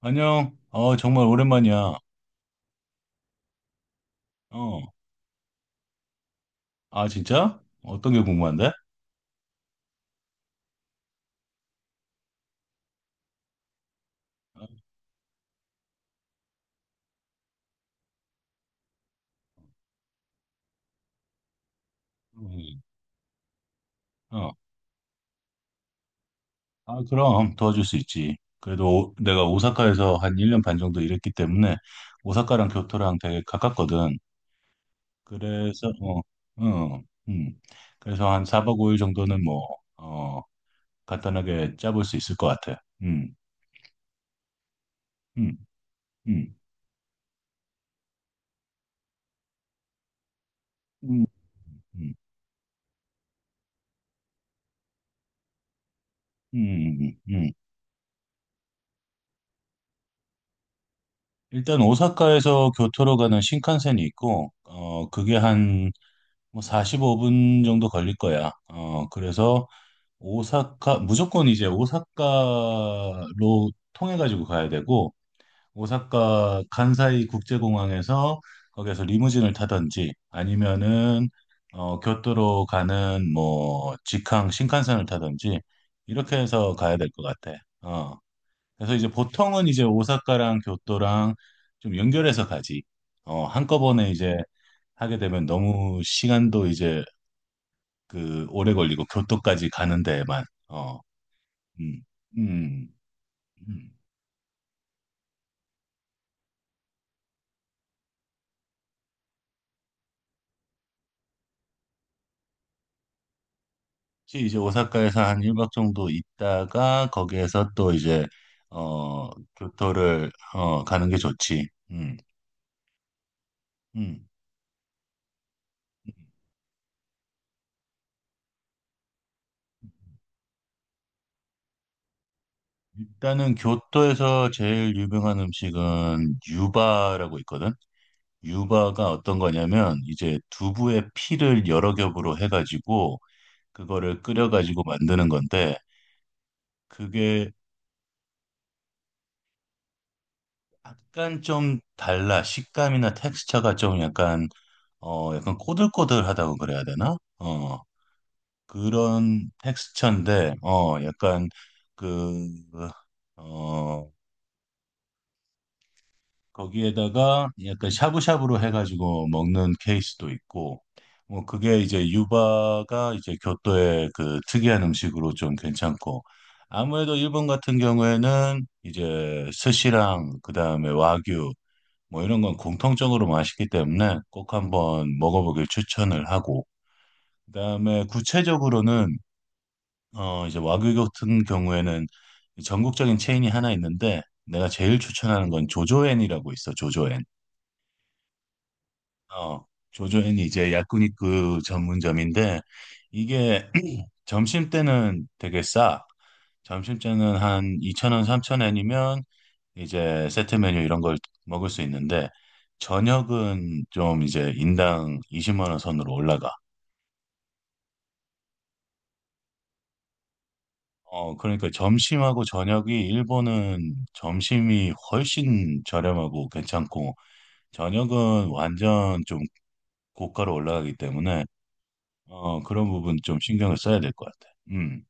안녕. 정말 오랜만이야. 어. 아, 진짜? 어떤 게 궁금한데? 음, 어. 아, 그럼 도와줄 수 있지. 그래도 내가 오사카에서 한 1년 반 정도 일했기 때문에 오사카랑 교토랑 되게 가깝거든. 그래서 어, 어, 음. 그래서 한 4박 5일 정도는 뭐 어, 간단하게 짜볼 수 있을 것 같아. 음. 음. 음. 음. 음. 음. 음. 음. 일단 오사카에서 교토로 가는 신칸센이 있고, 그게 한 뭐 45분 정도 걸릴 거야. 그래서 오사카, 무조건 이제 오사카로 통해가지고 가야 되고, 오사카 간사이 국제공항에서 거기에서 리무진을 타든지 아니면은 교토로 가는 뭐 직항 신칸센을 타든지 이렇게 해서 가야 될 것 같아. 그래서 이제 보통은 이제 오사카랑 교토랑 좀 연결해서 가지. 한꺼번에 이제 하게 되면 너무 시간도 이제 그 오래 걸리고 교토까지 가는 데만, 어, 음, 음, 음. 혹시 이제 오사카에서 한 1박 정도 있다가 거기에서 또 이제 어, 교토를 가는 게 좋지. 음. 일단은 교토에서 제일 유명한 음식은 유바라고 있거든. 유바가 어떤 거냐면 이제 두부의 피를 여러 겹으로 해가지고 그거를 끓여가지고 만드는 건데, 그게 약간 좀 달라. 식감이나 텍스처가 좀 약간 꼬들꼬들하다고 그래야 되나? 그런 텍스처인데, 약간 그, 어, 거기에다가 약간 샤브샤브로 해가지고 먹는 케이스도 있고, 뭐 그게 이제 유바가 이제 교토의 그 특이한 음식으로 좀 괜찮고, 아무래도 일본 같은 경우에는 이제 스시랑 그다음에 와규 뭐 이런 건 공통적으로 맛있기 때문에 꼭 한번 먹어보길 추천을 하고, 그다음에 구체적으로는 이제 와규 같은 경우에는 전국적인 체인이 하나 있는데, 내가 제일 추천하는 건 조조엔이라고 있어. 조조엔. 어 조조엔이 이제 야쿠니크 전문점인데 이게 점심 때는 되게 싸. 점심때는 한 2,000원, 3,000원이면 이제 세트 메뉴 이런 걸 먹을 수 있는데, 저녁은 좀 이제 인당 20만 원 선으로 올라가. 그러니까 점심하고 저녁이, 일본은 점심이 훨씬 저렴하고 괜찮고, 저녁은 완전 좀 고가로 올라가기 때문에 그런 부분 좀 신경을 써야 될 것 같아. 음.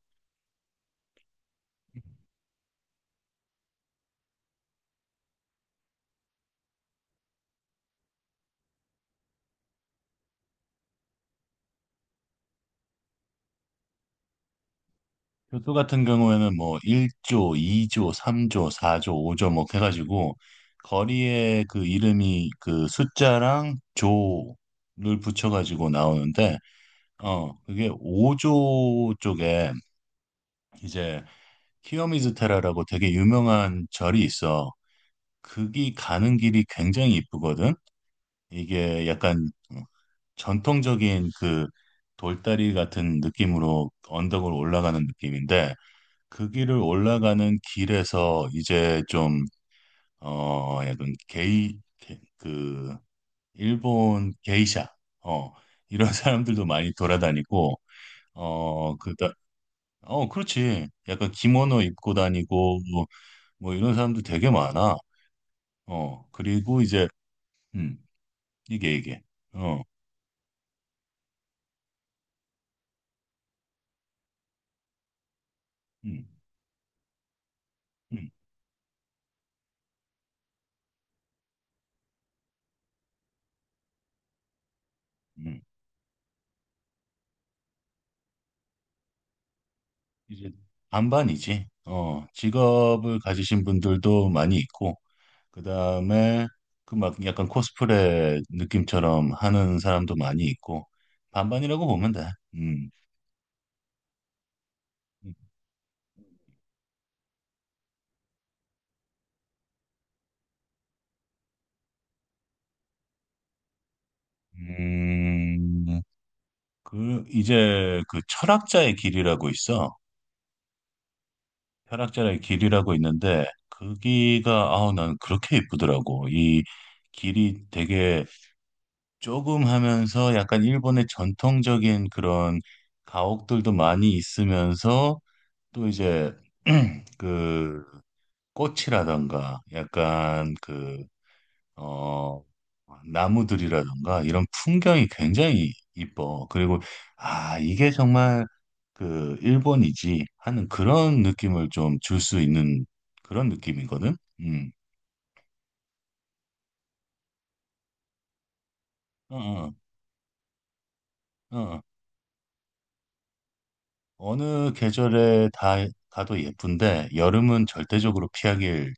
교토 같은 경우에는 뭐 1조, 2조, 3조, 4조, 5조 뭐 해가지고 거리에 그 이름이 그 숫자랑 조를 붙여가지고 나오는데, 그게 5조 쪽에 이제 키요미즈테라라고 되게 유명한 절이 있어. 거기 가는 길이 굉장히 이쁘거든. 이게 약간 전통적인 그 돌다리 같은 느낌으로 언덕을 올라가는 느낌인데, 그 길을 올라가는 길에서 이제 좀, 약간 일본 게이샤, 어, 이런 사람들도 많이 돌아다니고, 어, 그다, 그렇지. 약간 기모노 입고 다니고, 뭐 이런 사람들 되게 많아. 그리고 이제, 음, 이게, 이게, 어, 음, 음, 음, 이제 반반이지. 직업을 가지신 분들도 많이 있고, 그 다음에 그 막 약간 코스프레 느낌처럼 하는 사람도 많이 있고, 반반이라고 보면 돼. 음. 음, 그 이제 그 철학자의 길이라고 있어. 철학자의 길이라고 있는데 거기가, 아우, 난 그렇게 예쁘더라고. 이 길이 되게 조금 하면서 약간 일본의 전통적인 그런 가옥들도 많이 있으면서 또 이제 그 꽃이라던가, 약간 어, 나무들이라던가 이런 풍경이 굉장히 이뻐. 그리고 아, 이게 정말 그 일본이지 하는 그런 느낌을 좀 줄 수 있는 그런 느낌이거든. 음. 어, 어, 어. 어느 계절에 다 가도 예쁜데, 여름은 절대적으로 피하길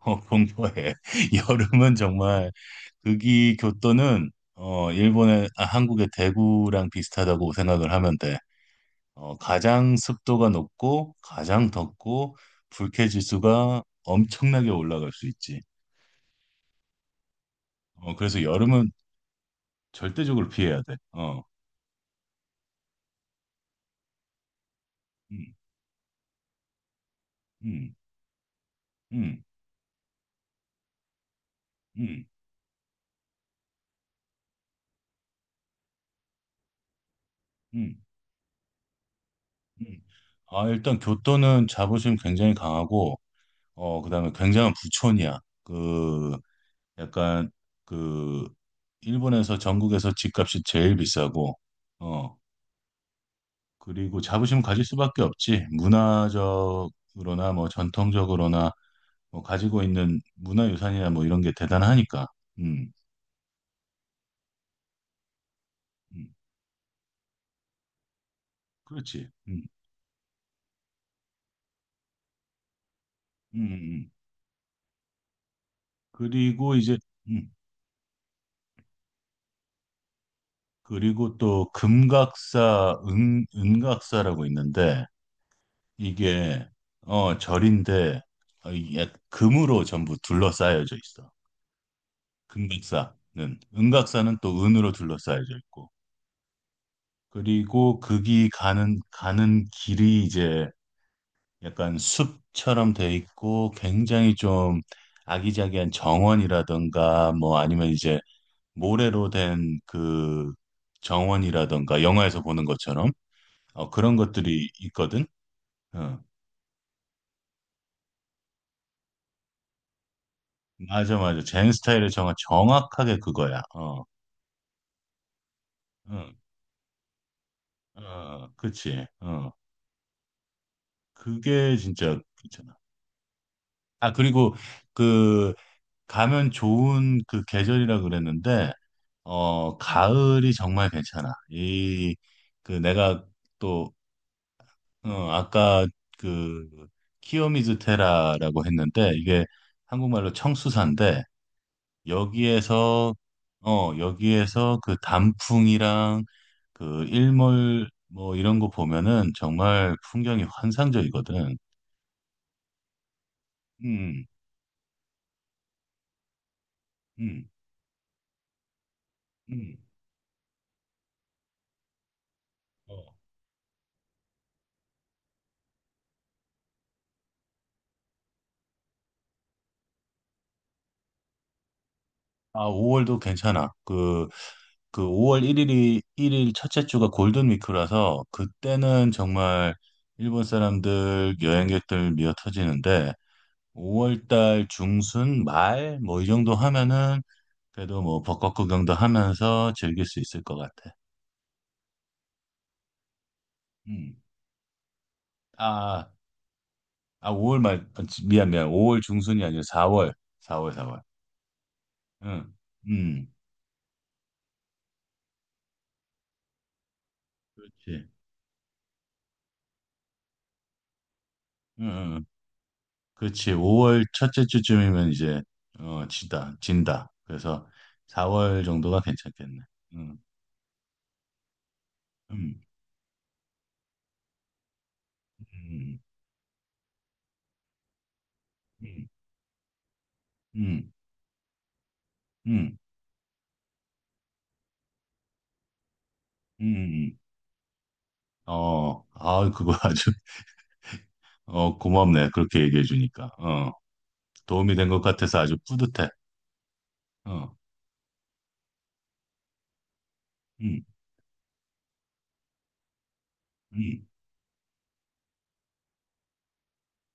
공부해. 여름은 정말, 거기 교토는 일본의, 한국의 대구랑 비슷하다고 생각을 하면 돼. 가장 습도가 높고 가장 덥고 불쾌 지수가 엄청나게 올라갈 수 있지. 그래서 여름은 절대적으로 피해야 돼. 어. 음. 음. 음. 음. 음. 음. 아, 일단 교토는 자부심 굉장히 강하고 그다음에 굉장한 부촌이야. 그 약간 그 일본에서, 전국에서 집값이 제일 비싸고, 어, 그리고 자부심 가질 수밖에 없지. 문화적으로나 뭐 전통적으로나 뭐 가지고 있는 문화유산이나 뭐 이런 게 대단하니까. 음, 음, 그렇지. 음. 그리고 이제, 음, 그리고 또 금각사, 은, 은각사라고 있는데, 이게 절인데, 이게 금으로 전부 둘러싸여져 있어. 금각사는. 은각사는 또 은으로 둘러싸여져 있고. 그리고 거기 가는 길이 이제 약간 숲처럼 돼 있고, 굉장히 좀 아기자기한 정원이라든가, 뭐 아니면 이제 모래로 된 그 정원이라든가, 영화에서 보는 것처럼 그런 것들이 있거든. 어, 맞아 맞아. 젠 스타일의, 정화 정확하게 그거야. 어, 응, 어, 그치. 그게 진짜 괜찮아. 아, 그리고 그 가면 좋은 그 계절이라 그랬는데, 가을이 정말 괜찮아. 내가 또, 아까 그, 키요미즈테라라고 했는데, 이게 한국말로 청수사인데, 여기에서, 여기에서 그 단풍이랑 그 일몰 뭐 이런 거 보면은 정말 풍경이 환상적이거든. 음, 음, 음. 어. 아, 5월도 괜찮아. 그 5월 1일이, 1일 첫째 주가 골든 위크라서 그때는 정말 일본 사람들, 여행객들 미어 터지는데, 5월 달 중순 말 뭐 이 정도 하면은 그래도 뭐 벚꽃 구경도 하면서 즐길 수 있을 것 같아. 음. 아, 아 5월 말, 아, 미안 미안. 5월 중순이 아니라 4월. 4월 4월. 응. 음. 그렇지. 응. 응. 응. 그렇지. 5월 첫째 주쯤이면 이제 진다 진다. 그래서 4월 정도가 괜찮겠네. 음, 음, 음, 음, 음, 음, 음, 음. 아 그거 아주 고맙네. 그렇게 얘기해 주니까 도움이 된 것 같아서 아주 뿌듯해. 어, 음, 음,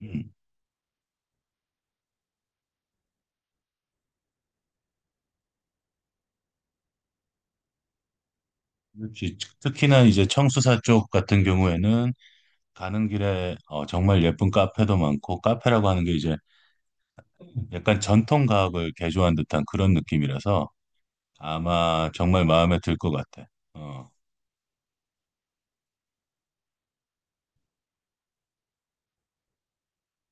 음. 그렇지. 특히나 이제 청수사 쪽 같은 경우에는 가는 길에 정말 예쁜 카페도 많고, 카페라고 하는 게 이제 약간 전통 과학을 개조한 듯한 그런 느낌이라서 아마 정말 마음에 들 것 같아. 어.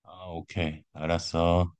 아, 오케이. 알았어.